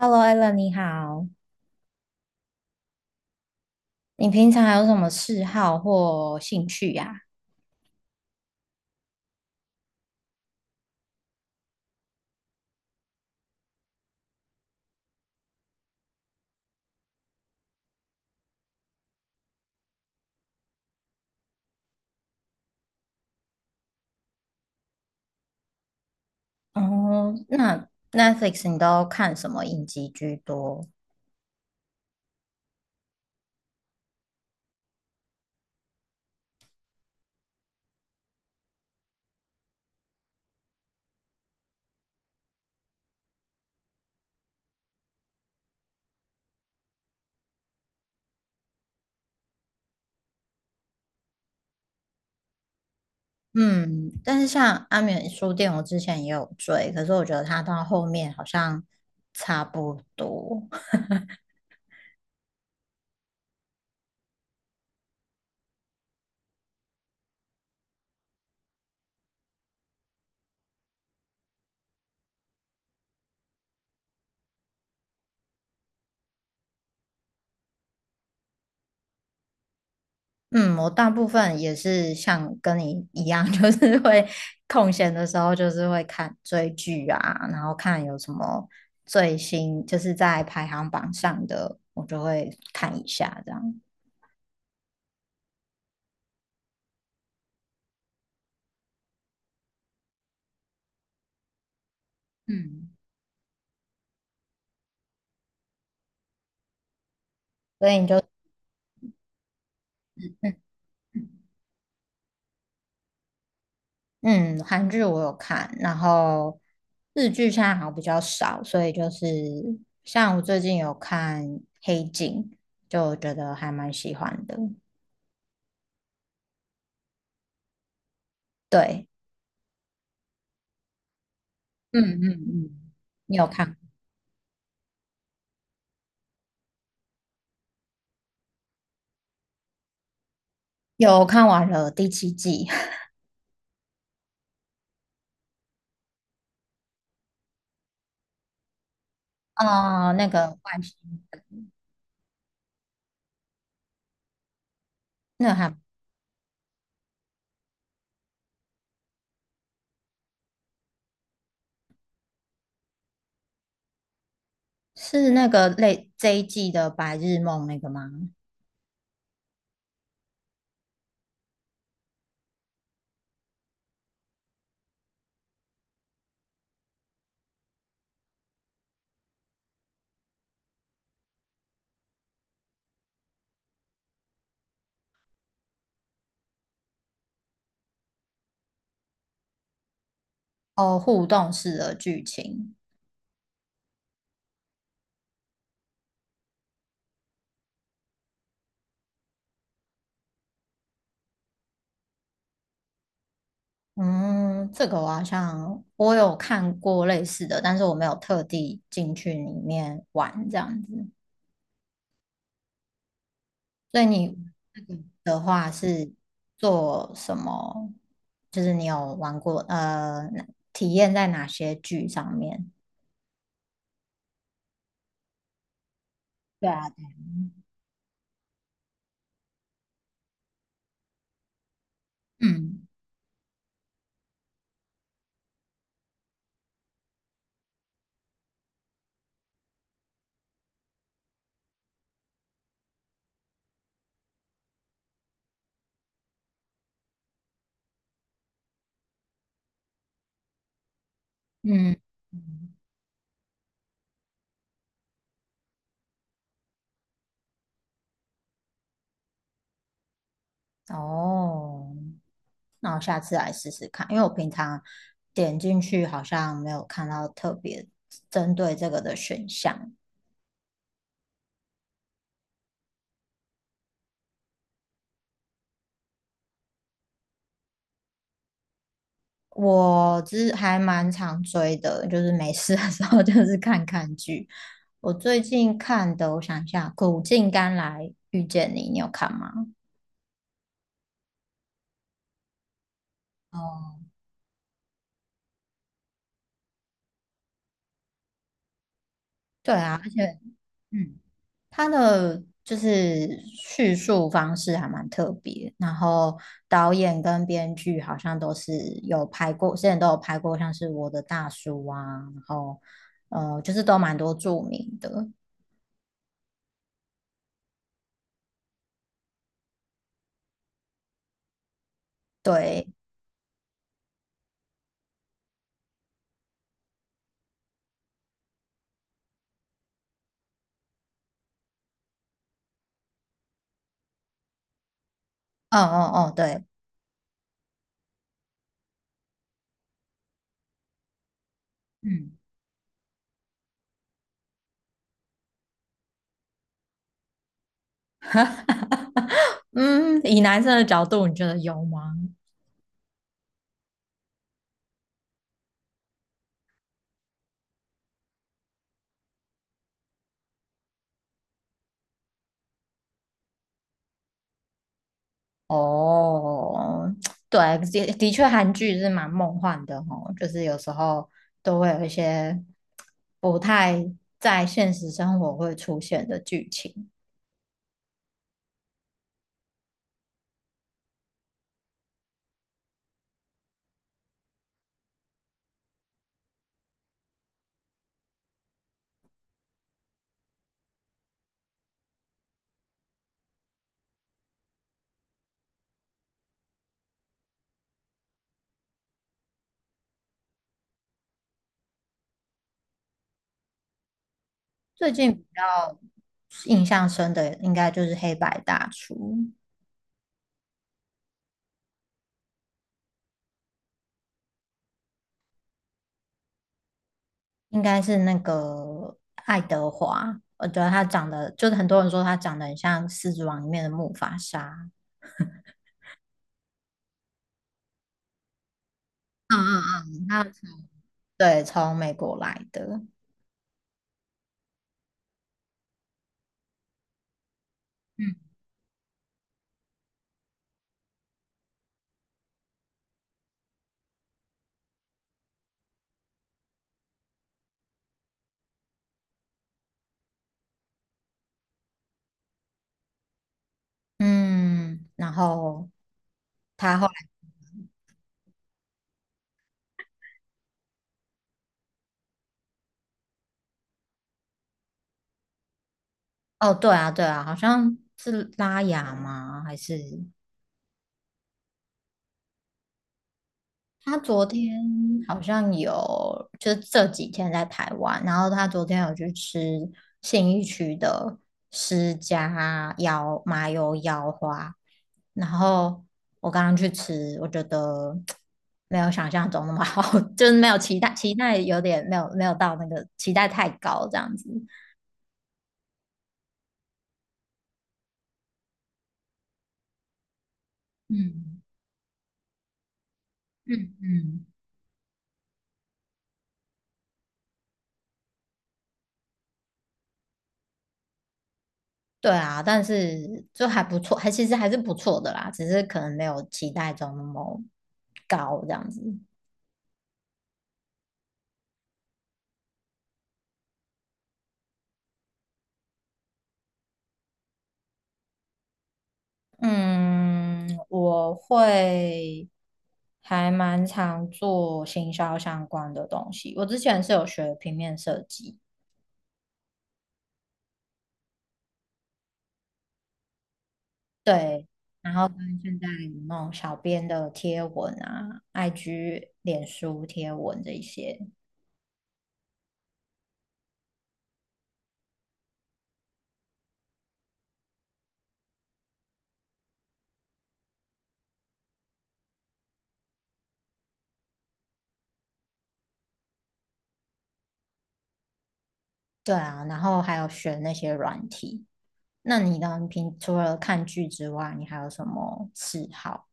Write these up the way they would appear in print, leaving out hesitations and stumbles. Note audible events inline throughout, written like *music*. Hello, Elln 你好。你平常有什么嗜好或兴趣呀？哦，那 Netflix 你都看什么影集居多？嗯，但是像《阿眠书店》，我之前也有追，可是我觉得它到后面好像差不多。*laughs* 嗯，我大部分也是像跟你一样，*laughs* 就是会空闲的时候，就是会看追剧啊，然后看有什么最新，就是在排行榜上的，我就会看一下这样。嗯，所以你就嗯，嗯，韩剧我有看，然后日剧现在好像比较少，所以就是像我最近有看《黑镜》，就觉得还蛮喜欢的。对，嗯嗯嗯，你有看？有看完了第7季，*laughs* 啊、那个外星，那还是那个类这一季的白日梦那个吗？哦，互动式的剧情，嗯，这个我好像我有看过类似的，但是我没有特地进去里面玩这样子。所以你那个做什么？就是你有玩过哪体验在哪些剧上面？对啊，对啊嗯嗯。嗯哦，那我下次来试试看，因为我平常点进去好像没有看到特别针对这个的选项。我之还蛮常追的，就是没事的时候就是看看剧。我最近看的，我想一下，《苦尽甘来遇见你》，你有看吗？哦，对啊，而且嗯。他的就是叙述方式还蛮特别，然后导演跟编剧好像都是有拍过，现在都有拍过，像是我的大叔啊，然后就是都蛮多著名的，对，哦哦哦，对，嗯，*laughs* 嗯，以男生的角度，你觉得有吗？哦，*tsk* 对，的确，韩剧是蛮梦幻的哦，就是有时候都会有一些不太在现实生活会出现的剧情。最近比较印象深的，应该就是《黑白大厨》，应该是那个爱德华，我觉得他长得，就是很多人说他长得很像《狮子王》里面的木法沙。嗯嗯嗯，他对，从美国来的。嗯，嗯，然后他后。哦，对啊，对啊，好像是拉雅吗？还是他昨天好像有，就是这几天在台湾，然后他昨天有去吃信义区的施家腰麻油腰花，然后我刚刚去吃，我觉得没有想象中那么好，*laughs* 就是没有期待，期待有点没有到那个期待太高这样子。嗯嗯嗯。对啊，但是就还不错，还其实还是不错的啦，只是可能没有期待中那么高这样子。嗯，我会还蛮常做行销相关的东西。我之前是有学平面设计，对，然后跟现在有那种小编的贴文啊、IG、脸书贴文这一些，对啊，然后还有学那些软体。那你呢？你平除了看剧之外，你还有什么嗜好？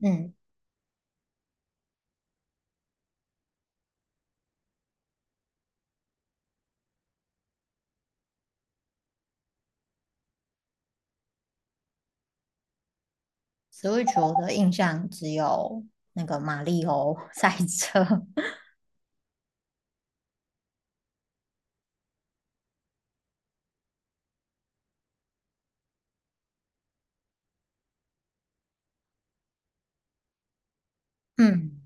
嗯，Switch 我的印象只有那个马里欧 *laughs* 赛车。*laughs* 嗯，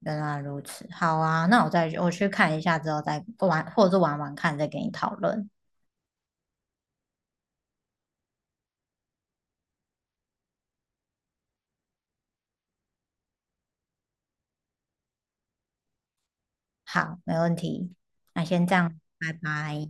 原来如此。好啊，那我再我去看一下之后再玩，或者是玩玩看，再给你讨论。好，没问题。那先这样，拜拜。